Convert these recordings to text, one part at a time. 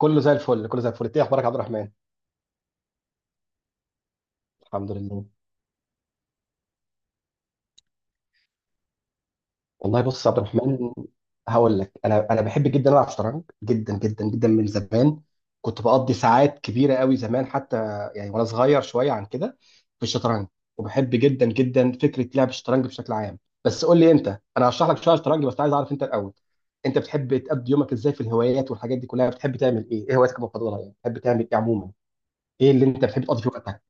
كله زي الفل، كله زي الفل. ايه اخبارك يا عبد الرحمن؟ الحمد لله. والله بص يا عبد الرحمن، هقول لك انا بحب جدا العب شطرنج جدا جدا جدا من زمان. كنت بقضي ساعات كبيره قوي زمان حتى، يعني وانا صغير شويه عن كده، في الشطرنج. وبحب جدا جدا فكره لعب الشطرنج بشكل عام. بس قول لي انت، انا هشرح لك شويه شطرنج بس عايز اعرف انت الاول. انت بتحب تقضي يومك ازاي في الهوايات والحاجات دي كلها؟ بتحب تعمل ايه؟ ايه هواياتك المفضله يعني؟ بتحب تعمل ايه عموما؟ ايه اللي انت بتحب تقضي فيه وقتك؟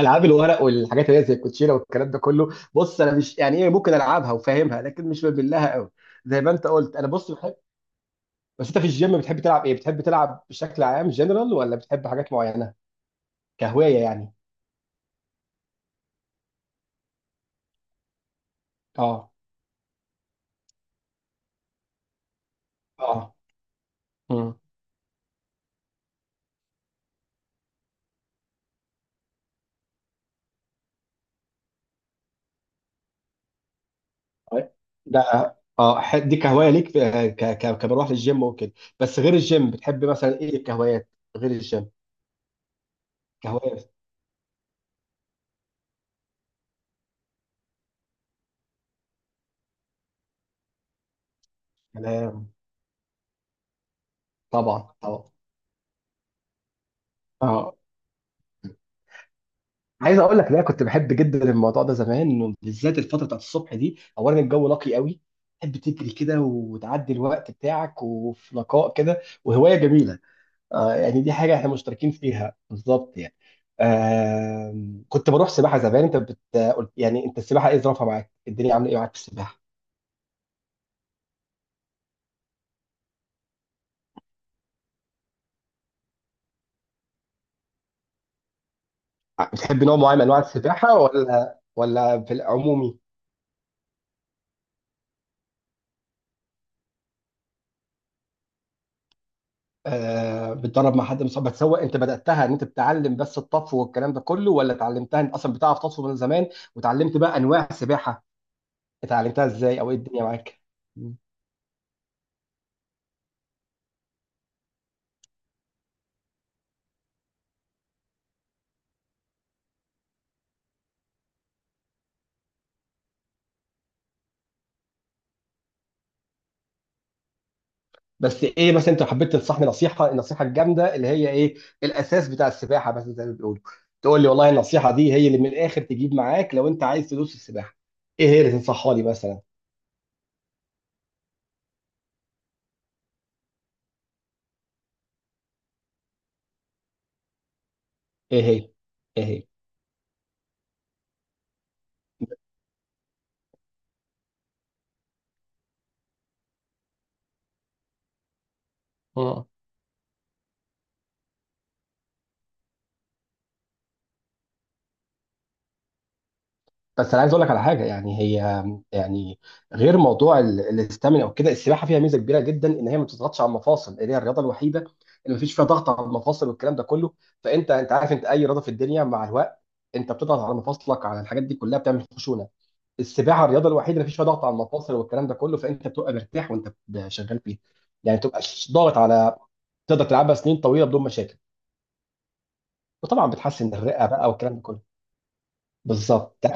العاب الورق والحاجات اللي هي زي الكوتشينه والكلام ده كله، بص انا مش يعني ايه، ممكن العبها وفاهمها لكن مش بميل لها قوي. زي ما انت قلت، انا بص بحب. بس انت في الجيم بتحب تلعب ايه؟ بتحب تلعب بشكل عام جنرال ولا بتحب حاجات معينه كهوايه يعني؟ اه. اه. امم طيب. ده اه دي كهوايه ليك، في- ك ك كبروح للجيم وكده. بس غير الجيم بتحب مثلا ايه الكهوايات؟ غير الجيم كهوايه كلام. طبعا طبعا. اه عايز اقول لك، لا كنت بحب جدا الموضوع ده زمان، بالذات الفتره بتاعت الصبح دي. اولا الجو نقي قوي، تحب تجري كده وتعدي الوقت بتاعك وفي نقاء كده، وهوايه جميله. آه يعني دي حاجه احنا مشتركين فيها بالظبط يعني. آه. كنت بروح سباحه زمان، انت يعني انت السباحه ايه ظروفها معاك؟ الدنيا عامله ايه معاك في السباحه؟ بتحب نوع معين من انواع السباحه ولا في العمومي؟ آه بتدرب مع حد مصاب بتسوق؟ انت بداتها ان انت بتتعلم بس الطفو والكلام ده كله، ولا اتعلمتها انت اصلا بتعرف تطفو من زمان وتعلمت بقى انواع السباحه؟ اتعلمتها ازاي او ايه الدنيا معاك؟ مم. بس ايه، بس انت حبيت تنصحني النصيحه الجامده اللي هي ايه الاساس بتاع السباحه بس زي ما بيقولوا، تقول لي والله النصيحه دي هي اللي من الاخر تجيب معاك لو انت عايز تدوس السباحه، ايه هي اللي تنصحها لي مثلا؟ ايه هي؟ ايه هي مم. بس انا عايز اقول لك على حاجه يعني هي، يعني غير موضوع الاستامينا وكده، السباحه فيها ميزه كبيره جدا ان هي ما بتضغطش على المفاصل، اللي هي الرياضه الوحيده اللي ما فيش فيها ضغط على المفاصل والكلام ده كله. فانت عارف، انت اي رياضه في الدنيا مع الوقت انت بتضغط على مفاصلك، على الحاجات دي كلها بتعمل خشونه. السباحه الرياضه الوحيده اللي ما فيش فيها ضغط على المفاصل والكلام ده كله، فانت بتبقى مرتاح وانت شغال فيها. يعني تبقى ضاغط على تقدر تلعبها سنين طويله بدون مشاكل. وطبعا بتحسن الرئه بقى والكلام ده كله. بالظبط،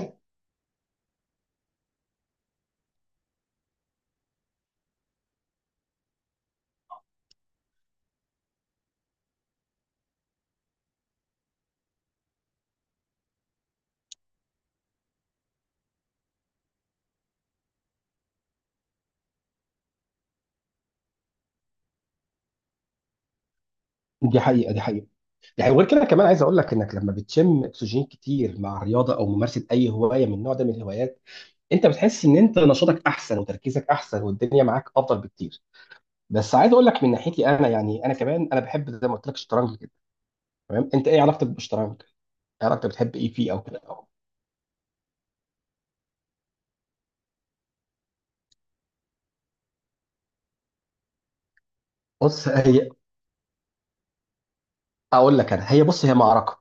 دي حقيقه دي حقيقه. يعني وغير كده كمان عايز اقول لك، انك لما بتشم اكسجين كتير مع الرياضه او ممارسه اي هوايه من النوع ده من الهوايات، انت بتحس ان انت نشاطك احسن وتركيزك احسن والدنيا معاك افضل بكتير. بس عايز اقول لك من ناحيتي انا، يعني انا كمان انا بحب زي ما قلت لك الشطرنج كده. تمام، انت ايه علاقتك بالشطرنج؟ إيه علاقتك؟ بتحب ايه فيه او كده؟ بص اقول لك انا، هي معركه.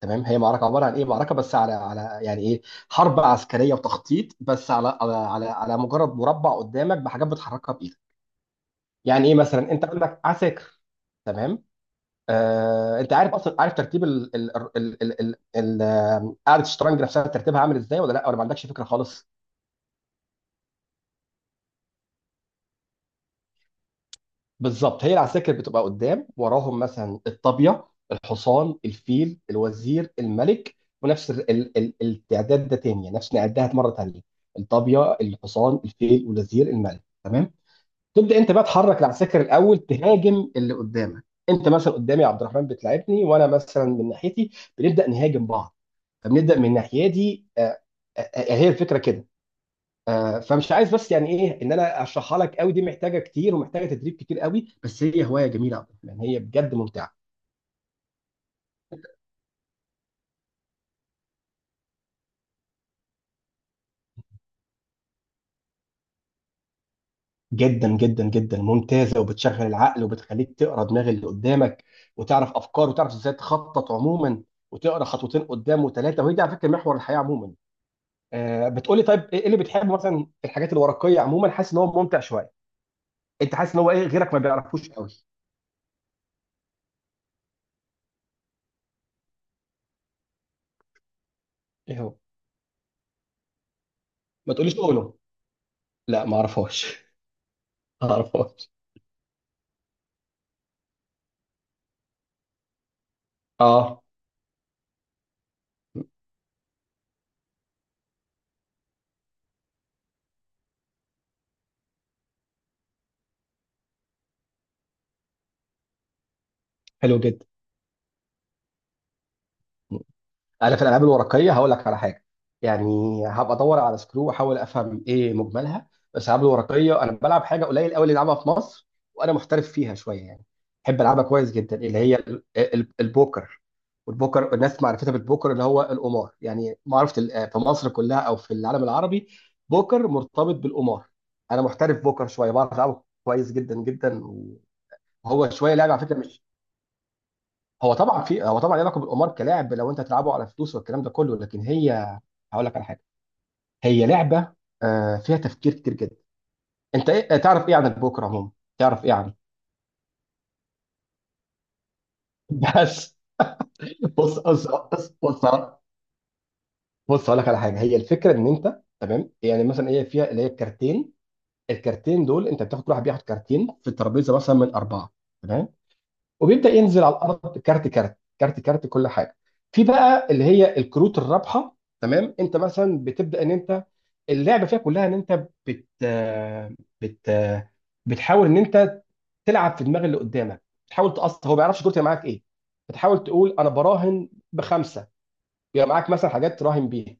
تمام، هي معركه عباره عن ايه؟ معركه بس على يعني ايه، حرب عسكريه وتخطيط، بس على على مجرد مربع قدامك بحاجات بتحركها بايدك. يعني ايه مثلا؟ انت عندك عساكر، تمام. انت عارف اصلا، عارف ترتيب ال ال ال ال ال ال آه، قاعده الشطرنج نفسها ترتيبها عامل ازاي، ولا لا ما عندكش فكره خالص؟ بالظبط، هي العساكر بتبقى قدام، وراهم مثلا الطابيه، الحصان، الفيل، الوزير، الملك. ونفس ال ال ال التعداد ده تاني، يعني نفس نعدها مره تانيه. الطابيه، الحصان، الفيل، الوزير، الملك، تمام. تبدا انت بقى تحرك العساكر الاول، تهاجم اللي قدامك. انت مثلا قدامي عبد الرحمن بتلاعبني، وانا مثلا من ناحيتي بنبدا نهاجم بعض. فبنبدا من ناحيتي هي الفكره كده. فمش عايز بس يعني ايه ان انا اشرحها لك قوي، دي محتاجه كتير ومحتاجه تدريب كتير قوي. بس هي هوايه جميله يا عبد الرحمن، هي بجد ممتعه جدا جدا جدا، ممتازه، وبتشغل العقل وبتخليك تقرا دماغ اللي قدامك وتعرف افكاره وتعرف ازاي تخطط عموما، وتقرا خطوتين قدام وثلاثه، وهي دي على فكره محور الحياه عموما. بتقولي طيب ايه اللي بتحبه مثلا في الحاجات الورقيه عموما، حاسس ان هو ممتع شويه؟ انت حاسس ان هو ايه غيرك ما بيعرفوش قوي؟ ايه هو؟ ما تقوليش اولو. لا ما اعرفهاش. ما اعرفهاش. اه حلو جدا. انا في الالعاب الورقيه هقول لك على حاجه. يعني هبقى ادور على سكرو واحاول افهم ايه مجملها. بس الالعاب الورقيه انا بلعب حاجه قليل قوي اللي يلعبها في مصر، وانا محترف فيها شويه يعني. بحب العبها كويس جدا، اللي هي البوكر. والبوكر، الناس معرفتها بالبوكر اللي هو القمار. يعني معرفه في مصر كلها او في العالم العربي بوكر مرتبط بالقمار. انا محترف بوكر شويه، بعرف العبه كويس جدا جدا. وهو شويه لعبه على فكره. هو طبعا في، هو طبعا ليه علاقه بالقمار كلاعب لو انت هتلعبه على فلوس والكلام ده كله، لكن هي، هقول لك على حاجه، هي لعبه فيها تفكير كتير جدا. انت ايه آه، تعرف ايه عن البوكر عموما؟ تعرف ايه عنه؟ بس. بص بص بص بص بص هقول لك على حاجه. هي الفكره ان انت، تمام، يعني مثلا هي فيها اللي هي الكارتين. الكارتين دول انت بتاخد، كل واحد بياخد كارتين في الترابيزه مثلا، من اربعه، تمام. وبيبدا ينزل على الارض كارت كارت كارت كارت، كل حاجه. في بقى اللي هي الكروت الرابحه، تمام. انت مثلا بتبدا ان انت، اللعبه فيها كلها ان انت بت بت بتحاول ان انت تلعب في دماغ اللي قدامك، بتحاول تقص هو ما بيعرفش كروت هي معاك ايه. بتحاول تقول انا براهن بخمسه، يبقى معاك مثلا حاجات تراهن بيها،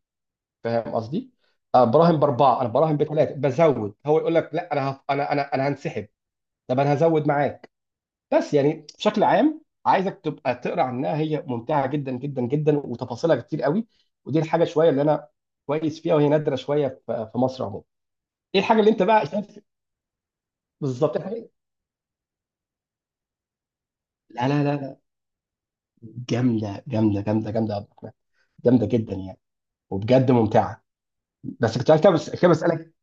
فاهم قصدي؟ أه، براهن باربعه، انا براهن بثلاثه بزود، هو يقول لك لا انا هف... انا انا انا هنسحب. طب انا هزود معاك. بس يعني بشكل عام عايزك تبقى تقرا عنها، هي ممتعه جدا جدا جدا وتفاصيلها كتير قوي. ودي الحاجه شويه اللي انا كويس فيها، وهي نادره شويه في مصر عموما. ايه الحاجه اللي انت بقى شايف؟ بالظبط. لا لا لا لا، جامده جامده جامده جامده يا عبد الرحمن، جامده جدا يعني، وبجد ممتعه. بس كنت عايز كده، بس كده بسالك.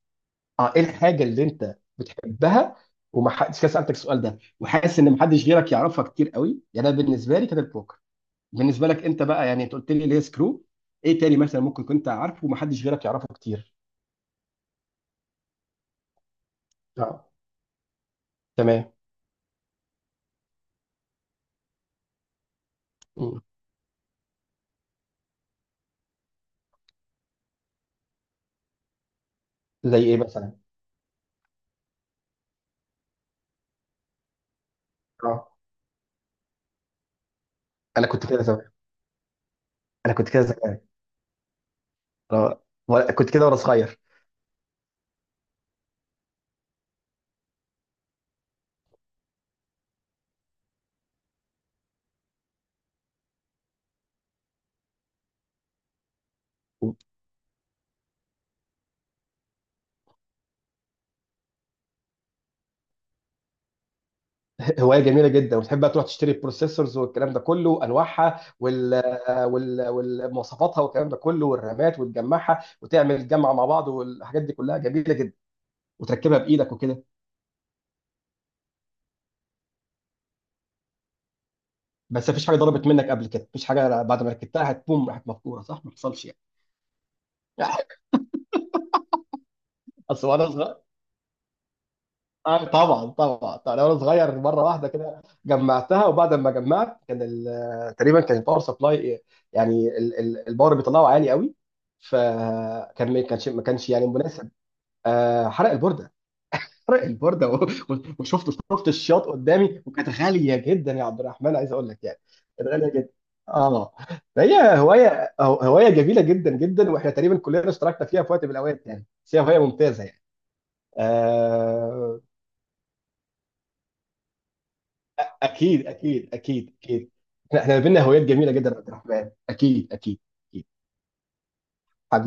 اه، ايه الحاجه اللي انت بتحبها وما حدش كده سالتك السؤال ده، وحاسس ان ما حدش غيرك يعرفها كتير قوي؟ يعني انا بالنسبه لي كانت البوكر. بالنسبه لك انت بقى، يعني انت قلت لي اللي هي سكرو، ايه تاني مثلا ممكن كنت عارفه ومحدش غيرك يعرفه كتير؟ اه. تمام. مم. زي ايه مثلا؟ اه انا كنت كده زمان. انا كنت كده زمان. أنا- كنت كده وانا صغير. هوايه جميله جدا. وتحب بقى تروح تشتري البروسيسورز والكلام ده كله، انواعها والمواصفاتها والكلام ده كله والرامات، وتجمعها وتعمل جمع مع بعض والحاجات دي كلها جميله جدا، وتركبها بايدك وكده. بس مفيش حاجه ضربت منك قبل كده؟ مفيش حاجه بعد ما ركبتها هتبوم راحت مفكوره صح؟ ما حصلش يعني. اصل وانا صغير، آه طبعا طبعا طبعا، انا وانا صغير مره واحده كده جمعتها وبعد ما جمعت كان تقريبا كان الباور سبلاي، يعني الباور اللي بيطلعه عالي قوي، فكان ما كانش يعني مناسب. آه، حرق البورده، حرق البورده وشفت الشياط قدامي، وكانت غاليه جدا يا عبد الرحمن عايز اقول لك يعني. كانت غاليه جدا. اه. هي هوايه جميله جدا جدا، واحنا تقريبا كلنا اشتركنا فيها في وقت من الاوقات يعني. بس هي هوايه ممتازه يعني. آه. اكيد اكيد اكيد اكيد. احنا إحنا بينا هوايات جميله جدا يا عبد الرحمن، اكيد اكيد. اكيد. حبيبي.